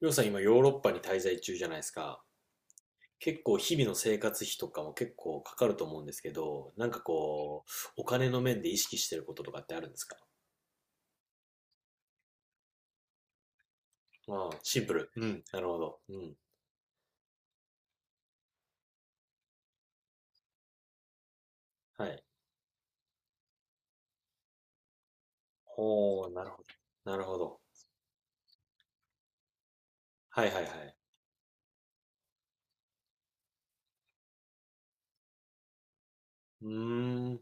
りょうさん今ヨーロッパに滞在中じゃないですか。結構日々の生活費とかも結構かかると思うんですけど、なんかこう、お金の面で意識してることとかってあるんですか？ああ、シンプル。うん、なるほど。うん。はい。ほう、なるほど。なるほど。はいはいはい。うーん。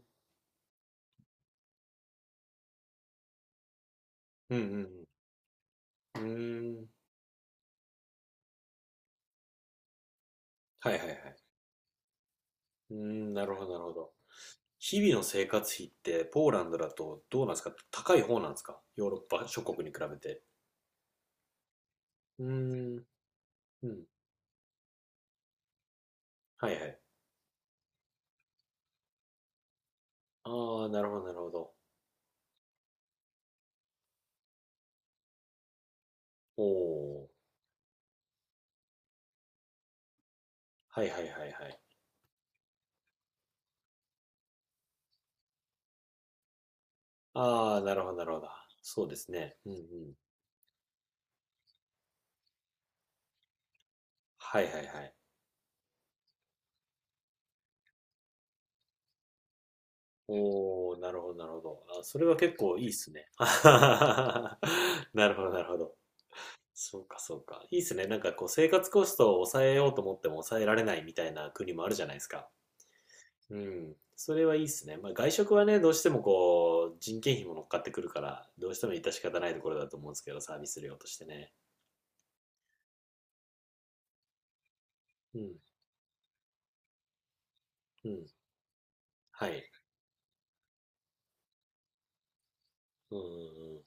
うんうんうん。うーん。はいはいはい。うーん、なるほどなるほど。日々の生活費ってポーランドだとどうなんですか？高い方なんですか？ヨーロッパ諸国に比べて。うーん。うん。はいはい。ああ、なるほど、なるほど。おお。はいはいはいはい。ああ、なるほど、なるほど。そうですね。うんうん。はいはいはい。おお、なるほど、なるほど。あ、それは結構いいですね。あはははなるほど、なるほど。そうか、そうか。いいですね。なんかこう、生活コストを抑えようと思っても抑えられないみたいな国もあるじゃないですか。うん。それはいいですね。まあ、外食はね、どうしてもこう、人件費も乗っかってくるから、どうしても致し方ないところだと思うんですけど、サービス料としてね。うん、うん。はい。うんうんうん。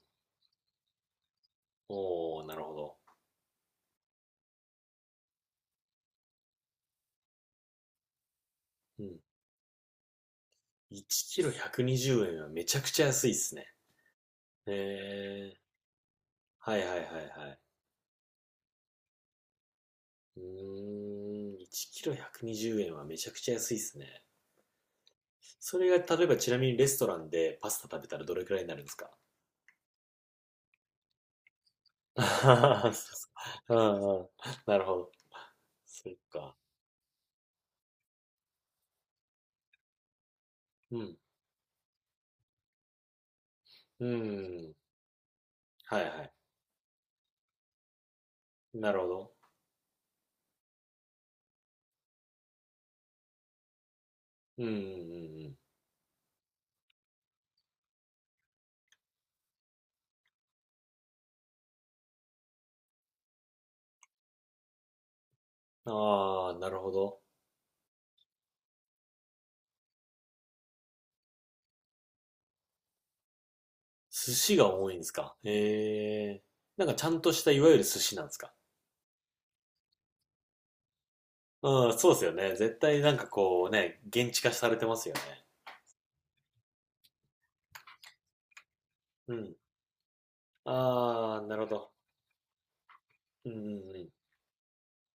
おー、なるほど。うん。1キロ120円はめちゃくちゃ安いっすね。へえ。はいはいはいはい。うーん、1キロ120円はめちゃくちゃ安いっすね。それが、例えばちなみにレストランでパスタ食べたらどれくらいになるんですか？あははそうっすか。 うんうん。なるほど。そっか。うん。うん。はいはい。なるほど。うんうんうんうん。ああ、なるほど。寿司が多いんですか？ええー、なんかちゃんとしたいわゆる寿司なんですか？うん、そうですよね。絶対なんかこうね、現地化されてますよね。うん。ああ、なるほど。うんうんう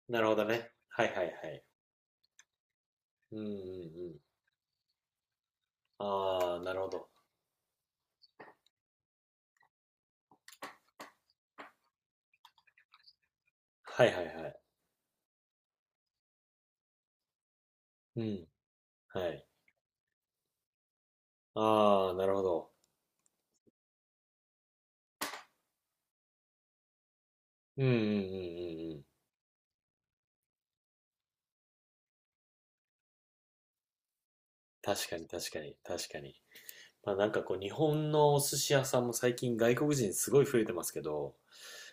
ん。なるほどね。はいはいはい。うんうんうん。ああ、なるほど。はいはいはい。うん。はい。ああ、なるほど。うんうんうんうんうん。確かに確かに確かに。まあなんかこう日本のお寿司屋さんも最近外国人すごい増えてますけど、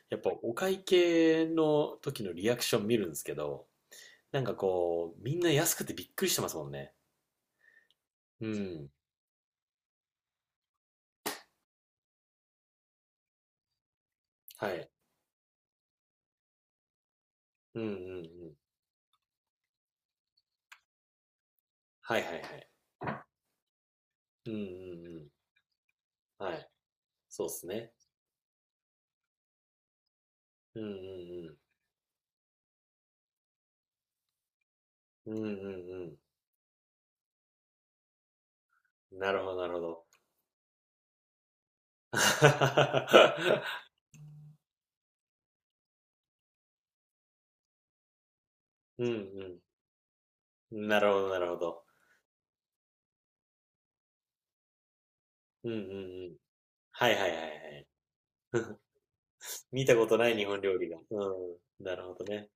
やっぱお会計の時のリアクション見るんですけど、なんかこう、みんな安くてびっくりしてますもんね。うん。はい。うんうんうん。はいはいはい。うんうんうん。はい。そうっすね。うんうんうん。うんうんうん。なるほどなるほど。うんうん。なるほどなるほど。うんうんうん。はいはいはいはい。見たことない日本料理が。うん。なるほどね。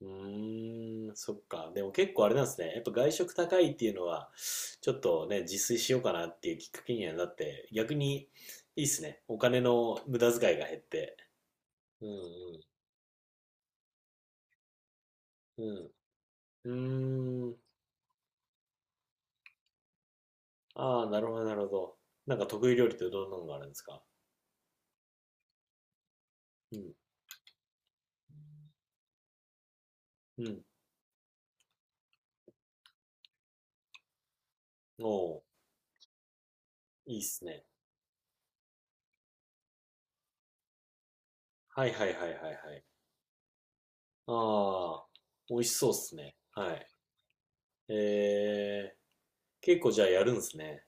うーん、そっか。でも結構あれなんですね。やっぱ外食高いっていうのは、ちょっとね、自炊しようかなっていうきっかけにはなって、逆にいいっすね。お金の無駄遣いが減って。うんうん。うん。うーん。ああ、なるほど、なるほど。なんか得意料理ってどんなのがあるんですか？うん。うん。おお、いいっすね。はいはいはいはいはい。ああ、美味しそうっすね。はい。えー、結構じゃあやるんですね。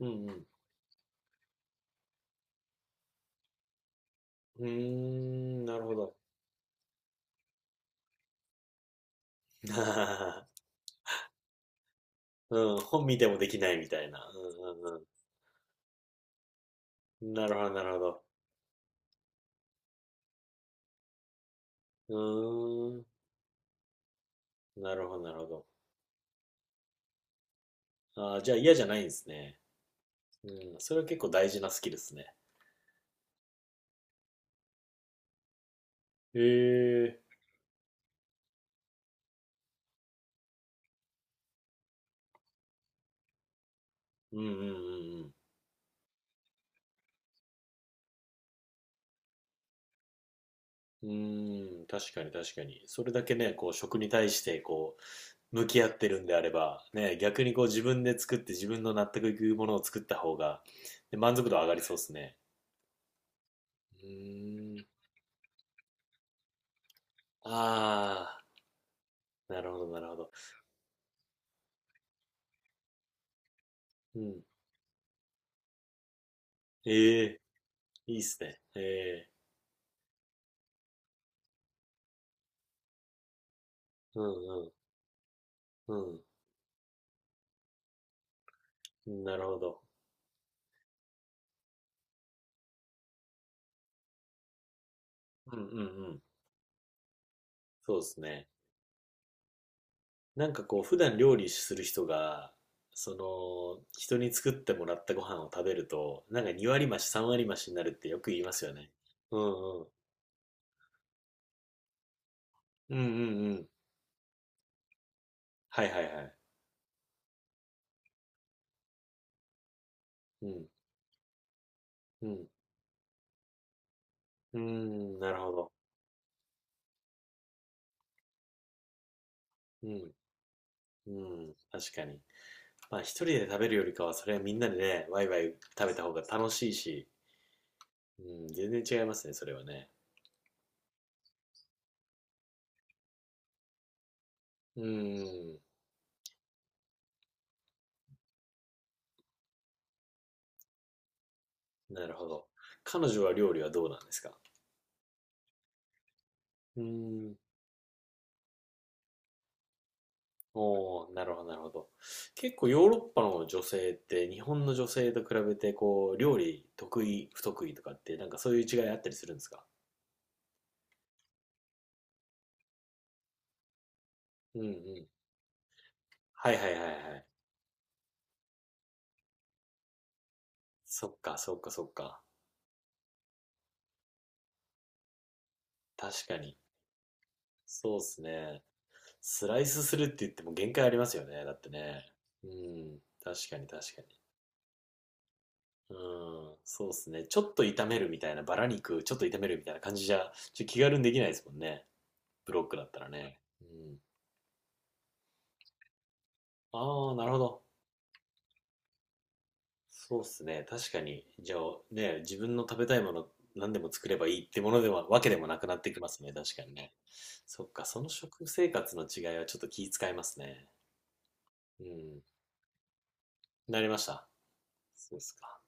うんうん。うーん、なるほど。あーうん、本見てもできないみたいな。うんうんうん。なるほど、なるほど。うーん。なるほど、なるほど。ああ、じゃあ嫌じゃないんですね。うん。それは結構大事なスキルですね。へえ。うんうんうんうん。うーん、確かに確かに。それだけね、こう、食に対して、こう、向き合ってるんであれば、ね、逆にこう、自分で作って自分の納得いくものを作った方が、で満足度上がりそうですね。うーん。ああ、なるほど、なるほど。うん。ええ、いいっすね。へえ。うんうん。うん。なるほど。うんうんうん。そうですね。なんかこう、普段料理する人が、その、人に作ってもらったご飯を食べると、なんか2割増し、3割増しになるってよく言いますよね。うんうん。うんうんうん。はいはいはい。うん。うん。うーん、なるほど。うん。うん。確かに。まあ一人で食べるよりかは、それはみんなでね、ワイワイ食べた方が楽しいし、うん、全然違いますね、それはね。うん。なるほど。彼女は料理はどうなんですか？うーん。おー、なるほど、なるほど。結構ヨーロッパの女性って日本の女性と比べてこう料理得意不得意とかってなんかそういう違いあったりするんですか？うんうん。はいはいはいはい。そっかそっかそっか。確かに。そうっすね。スライスするって言っても限界ありますよね。だってね。うん。確かに確かに。うん、そうっすね。ちょっと炒めるみたいな、バラ肉ちょっと炒めるみたいな感じじゃ、ちょっと気軽にできないですもんね。ブロックだったらね。うん。ああ、なるほど。そうっすね。確かに。じゃあ、ね、自分の食べたいもの何でも作ればいいってものでは、わけでもなくなってきますね。確かにね。そっか、その食生活の違いはちょっと気遣いますね。うん。なりました。そうっすか。